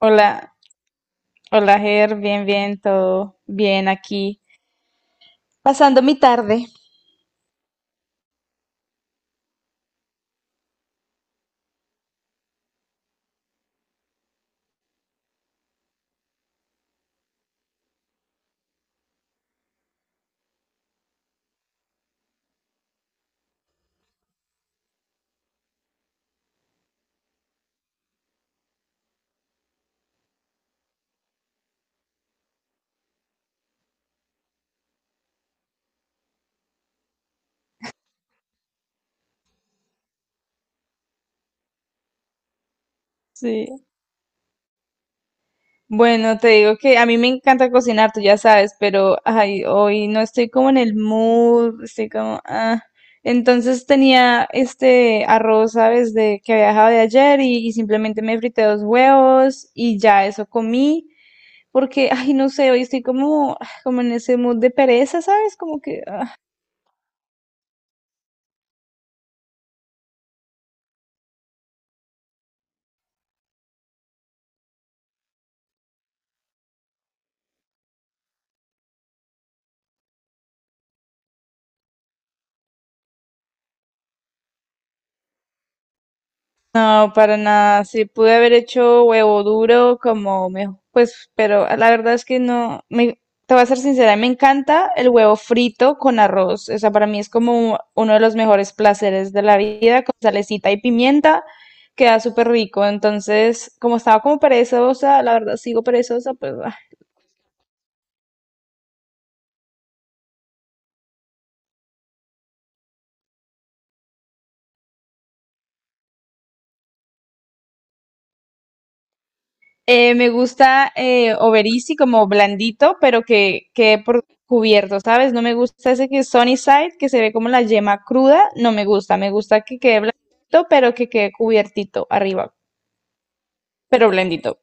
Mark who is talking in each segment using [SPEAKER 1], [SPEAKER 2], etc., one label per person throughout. [SPEAKER 1] Hola, hola Ger, bien, bien, todo bien aquí, pasando mi tarde. Sí. Bueno, te digo que a mí me encanta cocinar, tú ya sabes, pero ay, hoy no estoy como en el mood, estoy como, ah. Entonces tenía este arroz, ¿sabes? De que había dejado de ayer y simplemente me frité dos huevos y ya eso comí, porque, ay, no sé, hoy estoy como, ah, como en ese mood de pereza, ¿sabes? Como que, no, para nada. Sí, pude haber hecho huevo duro como mejor, pues, pero la verdad es que no, me, te voy a ser sincera, me encanta el huevo frito con arroz. O sea, para mí es como uno de los mejores placeres de la vida, con salecita y pimienta, queda súper rico. Entonces, como estaba como perezosa, la verdad sigo perezosa, pues. Me gusta Oberisi como blandito, pero que quede por cubierto, ¿sabes? No me gusta ese que es sunny side, que se ve como la yema cruda, no me gusta, me gusta que quede blandito, pero que quede cubiertito arriba, pero blandito.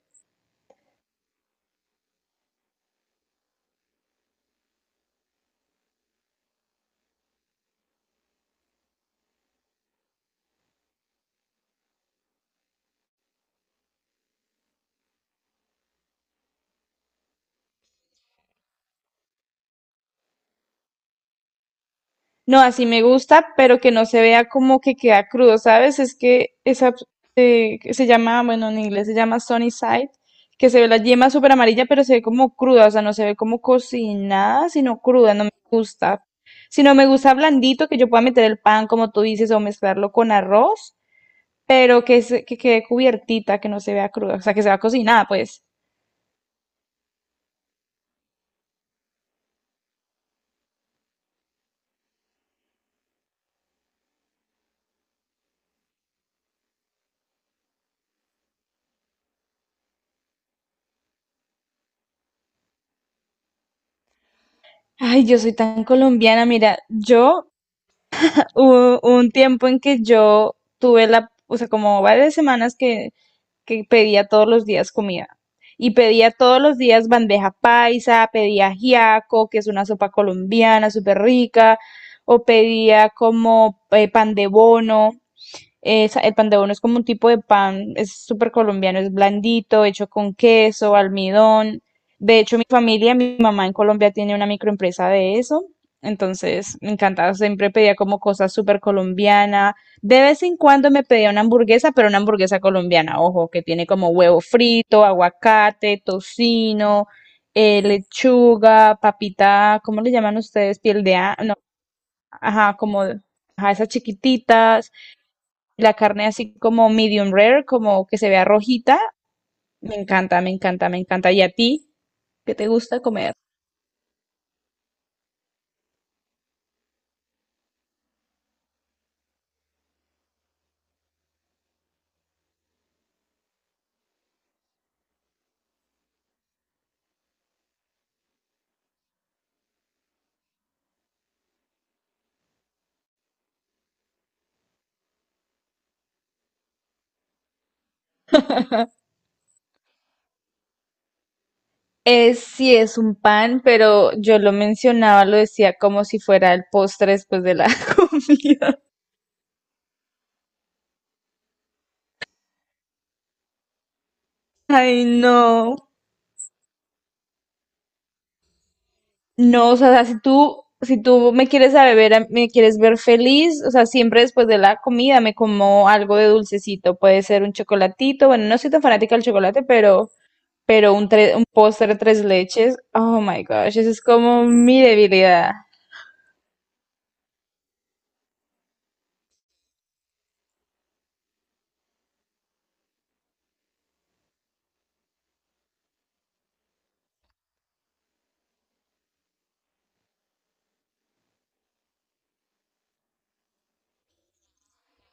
[SPEAKER 1] No, así me gusta, pero que no se vea como que queda crudo, ¿sabes? Es que esa que se llama, bueno, en inglés se llama sunny side, que se ve la yema súper amarilla, pero se ve como cruda, o sea, no se ve como cocinada, sino cruda, no me gusta. Si no me gusta blandito, que yo pueda meter el pan, como tú dices, o mezclarlo con arroz, pero que, se- que quede cubiertita, que no se vea cruda, o sea, que se vea cocinada, pues. Ay, yo soy tan colombiana, mira, yo hubo un tiempo en que yo tuve la, o sea, como varias semanas que pedía todos los días comida. Y pedía todos los días bandeja paisa, pedía ajiaco, que es una sopa colombiana súper rica, o pedía como pan de bono. Es- el pan de bono es como un tipo de pan, es súper colombiano, es blandito, hecho con queso, almidón. De hecho, mi familia, mi mamá en Colombia tiene una microempresa de eso. Entonces, me encantaba, siempre pedía como cosas súper colombiana. De vez en cuando me pedía una hamburguesa, pero una hamburguesa colombiana, ojo, que tiene como huevo frito, aguacate, tocino, lechuga, papita, ¿cómo le llaman ustedes? Piel de... a- No, ajá, como... Ajá, esas chiquititas la carne así como medium rare, como que se vea rojita, me encanta, me encanta, me encanta. ¿Y a ti qué te gusta comer? Sí, es un pan, pero yo lo mencionaba, lo decía como si fuera el postre después de la comida. Ay, no. No, o sea, si tú, si tú me quieres a beber, a- me quieres ver feliz, o sea, siempre después de la comida me como algo de dulcecito. Puede ser un chocolatito, bueno, no soy tan fanática del chocolate, pero un, tre- un postre tres leches, oh my gosh, eso es como mi debilidad.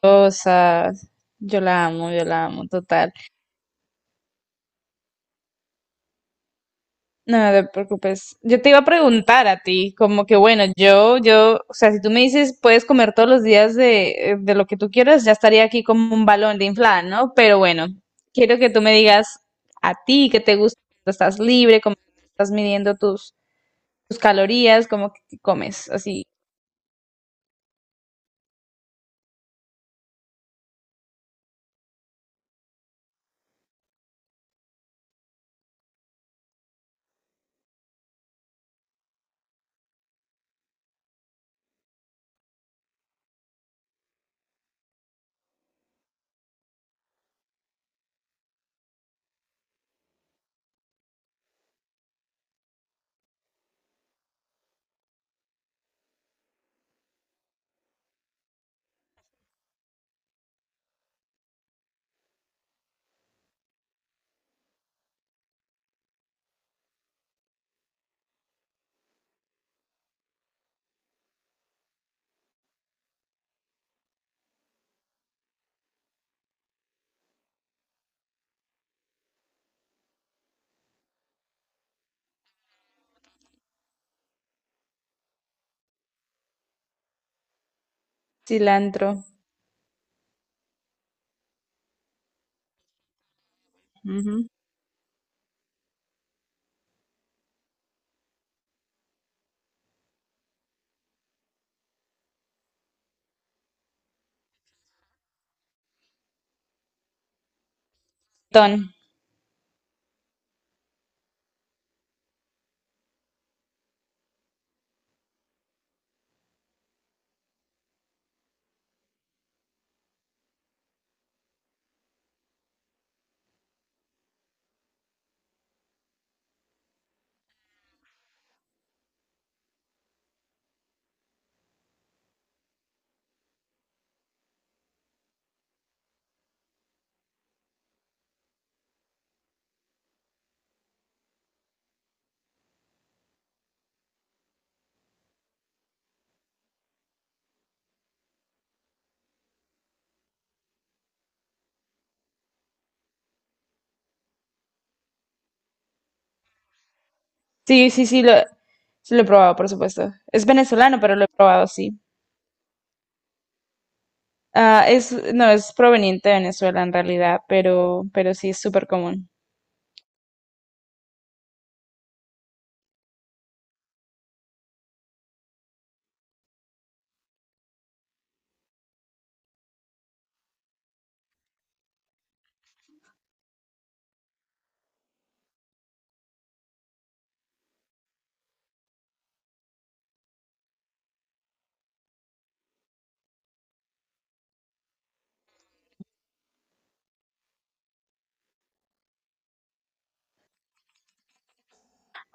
[SPEAKER 1] Cosas, yo la amo, total. No, no te preocupes. Yo te iba a preguntar a ti, como que bueno, yo, o sea, si tú me dices puedes comer todos los días de lo que tú quieras, ya estaría aquí como un balón de inflada, ¿no? Pero bueno, quiero que tú me digas a ti qué te gusta, cuando estás libre, cómo estás midiendo tus, tus calorías, cómo que comes, así, cilantro, ujú, ton. Sí, sí, sí lo he probado, por supuesto. Es venezolano, pero lo he probado, sí. Ah, es, no, es proveniente de Venezuela en realidad, pero sí es súper común.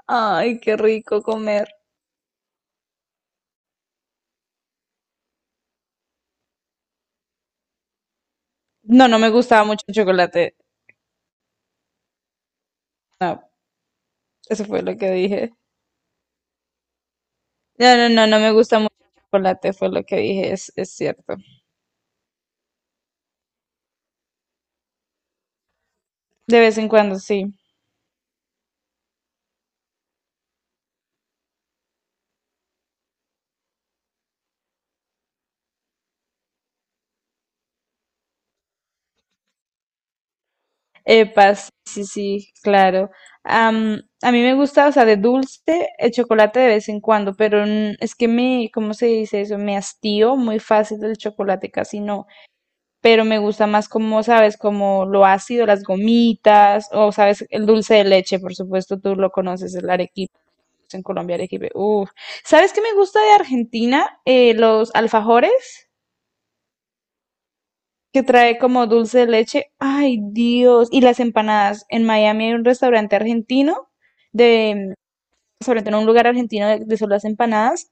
[SPEAKER 1] Ay, qué rico comer. No, no me gustaba mucho el chocolate. No, eso fue lo que dije. No, no, no, no me gusta mucho el chocolate, fue lo que dije, es cierto. De vez en cuando, sí. Epa, sí, sí, sí, claro. Am, a mí me gusta, o sea, de dulce, el chocolate de vez en cuando, pero n- es que me, ¿cómo se dice eso? Me hastío muy fácil del chocolate, casi no. Pero me gusta más como, ¿sabes? Como lo ácido, las gomitas, o, ¿sabes? El dulce de leche, por supuesto, tú lo conoces, el arequipe. En Colombia, arequipe. Uf. ¿Sabes qué me gusta de Argentina? Los alfajores que trae como dulce de leche. Ay, Dios. Y las empanadas. En Miami hay un restaurante argentino, de, sobre todo en un lugar argentino de solo las empanadas.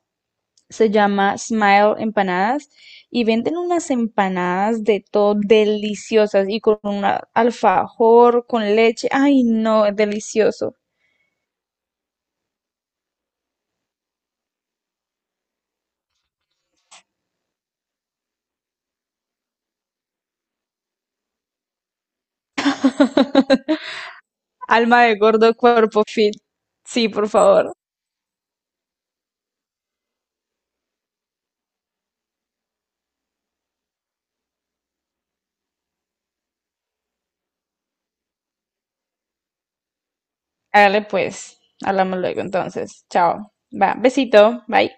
[SPEAKER 1] Se llama Smile Empanadas y venden unas empanadas de todo deliciosas y con un alfajor, con leche. Ay, no, es delicioso. Alma de gordo, cuerpo fit. Sí, por favor. Hágale pues. Hablamos luego entonces. Chao. Va, besito. Bye.